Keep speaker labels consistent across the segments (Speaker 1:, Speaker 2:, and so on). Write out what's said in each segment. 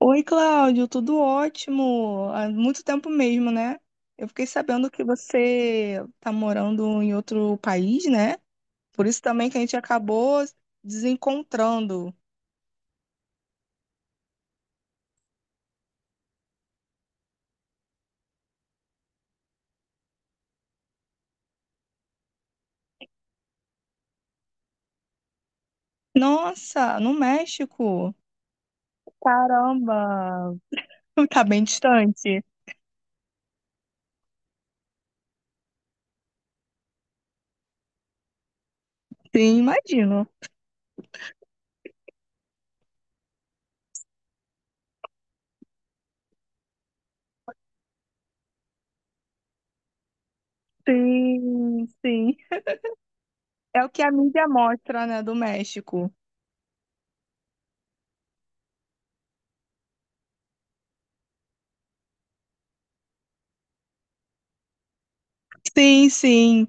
Speaker 1: Oi, Cláudio, tudo ótimo. Há muito tempo mesmo, né? Eu fiquei sabendo que você está morando em outro país, né? Por isso também que a gente acabou desencontrando. Nossa, no México. Caramba, tá bem distante. Sim, imagino. Sim, sim. É o que a mídia mostra, né, do México. Sim, sim.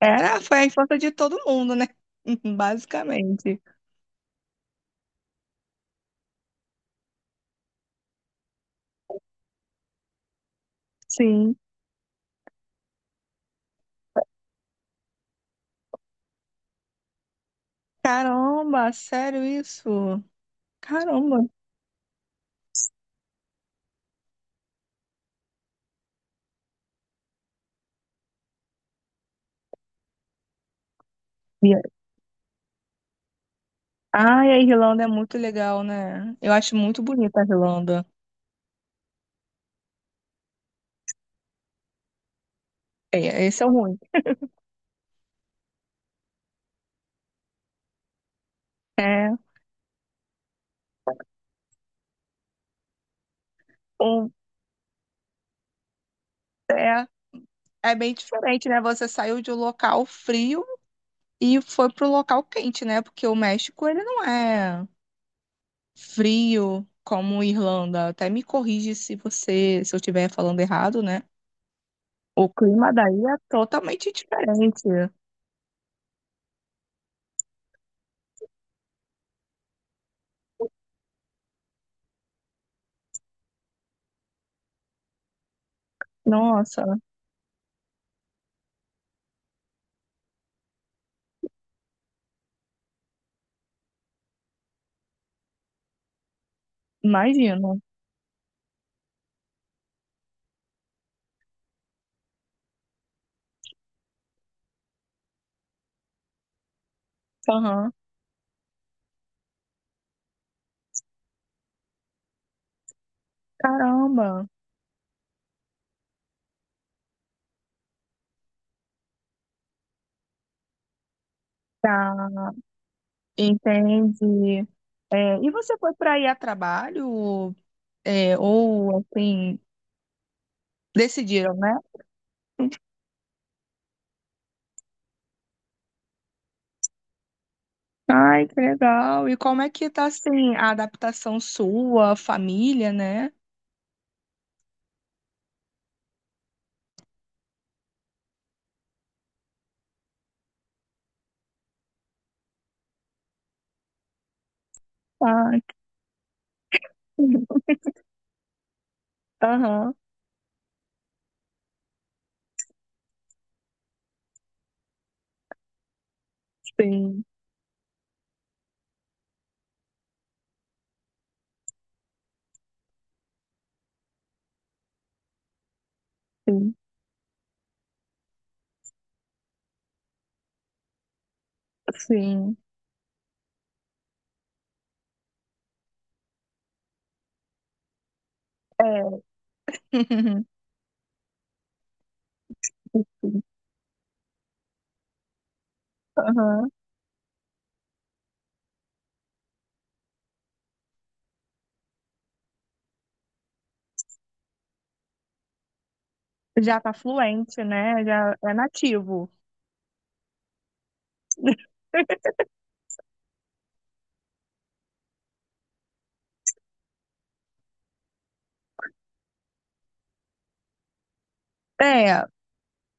Speaker 1: Era, foi a infância de todo mundo, né? Basicamente. Sim. Caramba, sério isso? Caramba. E- Ai, a Irlanda é muito legal, né? Eu acho muito bonita a Irlanda. É, esse é o ruim. É, um, é, é bem diferente, né? Você saiu de um local frio e foi para o local quente, né? Porque o México, ele não é frio como Irlanda. Até me corrige se você, se eu estiver falando errado, né? O clima daí é totalmente diferente. Nossa, imagino. Aham. Caramba. Tá, entendi. É, e você foi para ir a trabalho, é, ou assim, decidiram, né? Ai, que legal. E como é que tá assim a adaptação sua, família, né? Ah, que... legal. Aham, sim, sim, sim. É. Aham. Já tá fluente, né? Já é nativo. É,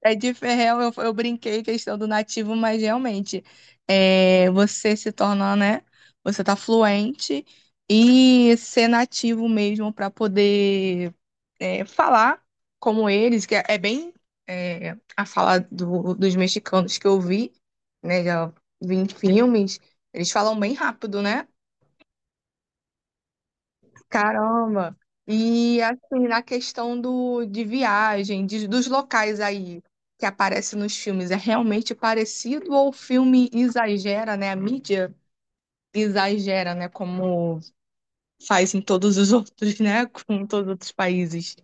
Speaker 1: É de ferrão, eu brinquei questão do nativo, mas realmente é, você se torna, né? Você tá fluente e ser nativo mesmo para poder é, falar como eles, que é, é bem é, a fala do- dos mexicanos que eu vi, né? Já vi em filmes, eles falam bem rápido, né? Caramba! E assim, na questão do, de viagem, de- dos locais aí que aparecem nos filmes, é realmente parecido ou o filme exagera, né? A mídia exagera, né? Como faz em todos os outros, né? Com todos os outros países.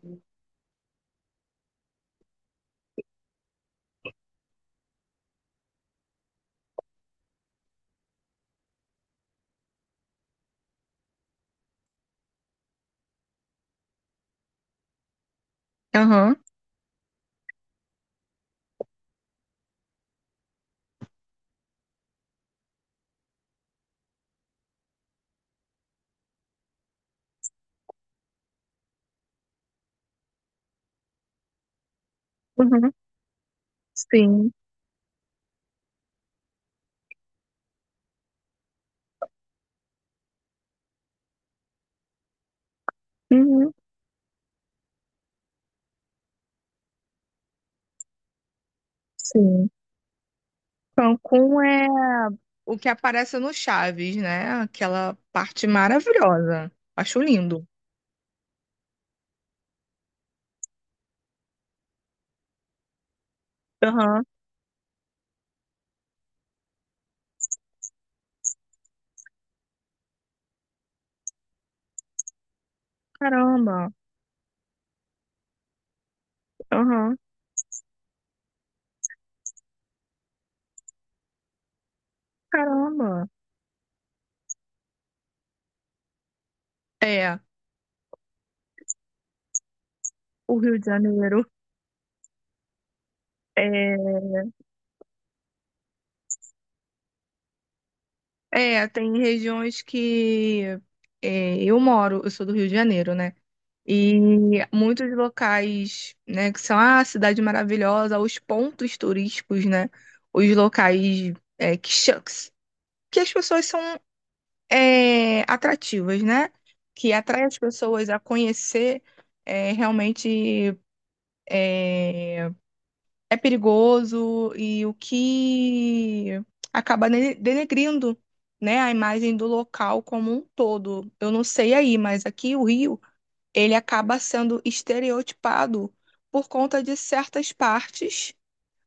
Speaker 1: Aham, uhum, sim, uhum, sim. Cancún é o que aparece no Chaves, né? Aquela parte maravilhosa. Acho lindo. Aham, caramba, aham, caramba. É, o Rio de Janeiro. É, é, tem regiões que é, eu moro, eu sou do Rio de Janeiro, né? E muitos locais, né, que são a cidade maravilhosa, os pontos turísticos, né? Os locais é, que, cha- que as pessoas são é, atrativas, né? Que atrai as pessoas a conhecer é, realmente é, é perigoso e o que acaba ne- denegrindo, né, a imagem do local como um todo. Eu não sei aí, mas aqui o Rio, ele acaba sendo estereotipado por conta de certas partes,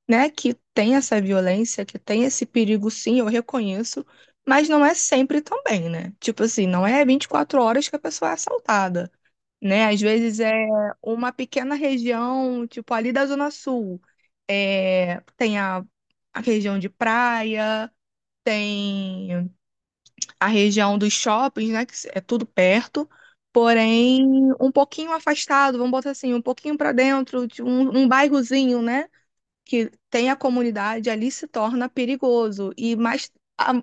Speaker 1: né, que tem essa violência, que tem esse perigo, sim, eu reconheço, mas não é sempre também, né? Tipo assim, não é 24 horas que a pessoa é assaltada né? Às vezes é uma pequena região, tipo ali da Zona Sul, é, tem a região de praia, tem a região dos shoppings, né? Que é tudo perto, porém um pouquinho afastado, vamos botar assim, um pouquinho para dentro, de um bairrozinho, né? que tem a comunidade ali se torna perigoso. E mais a-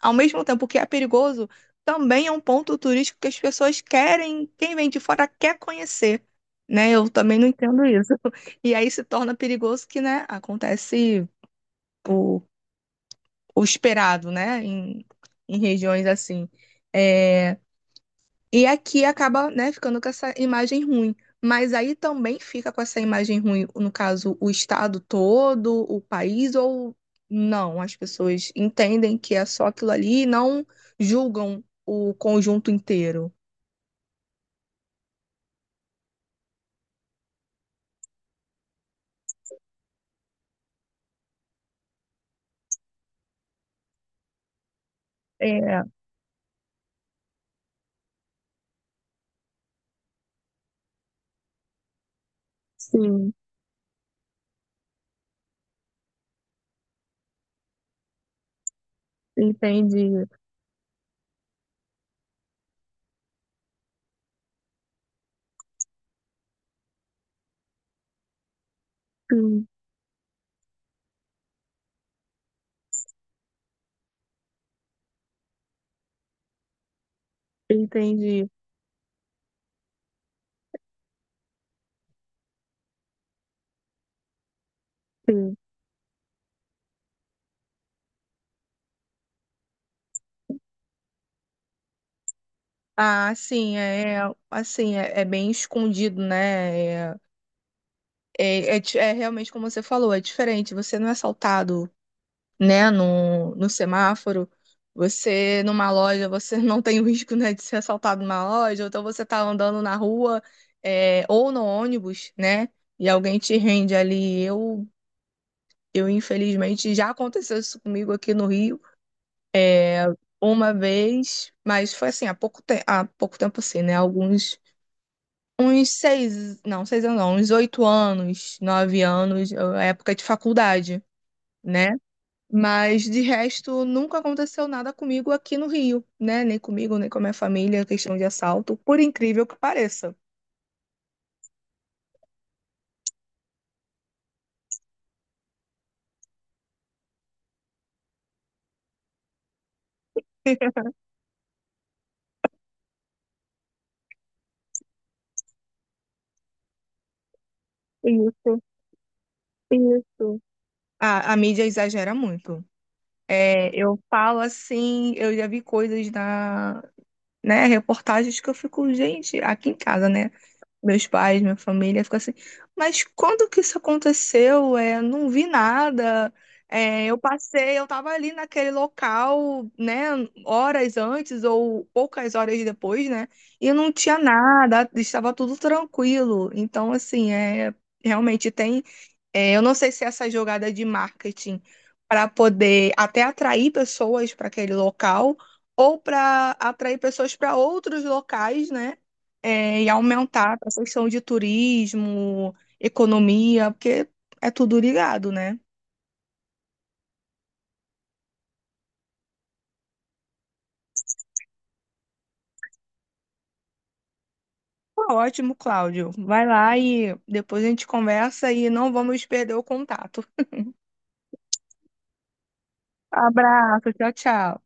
Speaker 1: ao mesmo tempo que é perigoso, também é um ponto turístico que as pessoas querem, quem vem de fora quer conhecer, né? Eu também não entendo isso. E aí se torna perigoso que, né, acontece o, o esperado, né, em, em regiões assim. É, e aqui acaba, né, ficando com essa imagem ruim. Mas aí também fica com essa imagem ruim, no caso, o estado todo, o país, ou não? As pessoas entendem que é só aquilo ali e não julgam o conjunto inteiro. É, sim, entendi. Sim, entendi. Sim. Ah, sim, é, assim, é, é bem escondido, né? É realmente como você falou, é diferente. Você não é assaltado né, no semáforo. Você numa loja, você não tem o risco, né, de ser assaltado numa loja, ou então você tá andando na rua, é, ou no ônibus, né, e alguém te rende ali. Eu infelizmente, já aconteceu isso comigo aqui no Rio eh, uma vez, mas foi assim, há pouco, te há pouco tempo assim, né? Alguns, uns seis, não, 6 anos não, uns 8 anos, 9 anos, época de faculdade, né? Mas de resto, nunca aconteceu nada comigo aqui no Rio, né? Nem comigo, nem com a minha família, questão de assalto, por incrível que pareça. Isso, isso. A mídia exagera muito. É, eu falo assim, eu já vi coisas na, né, reportagens que eu fico, gente, aqui em casa, né? Meus pais, minha família, ficou assim, mas quando que isso aconteceu? É, não vi nada. É, eu passei, eu tava ali naquele local, né, horas antes ou poucas horas depois, né, e não tinha nada, estava tudo tranquilo. Então, assim, é, realmente tem é, eu não sei se essa jogada de marketing para poder até atrair pessoas para aquele local ou para atrair pessoas para outros locais, né? É, e aumentar a questão de turismo, economia, porque é tudo ligado, né? Tá ótimo, Cláudio. Vai lá e depois a gente conversa e não vamos perder o contato. Abraço, tchau, tchau.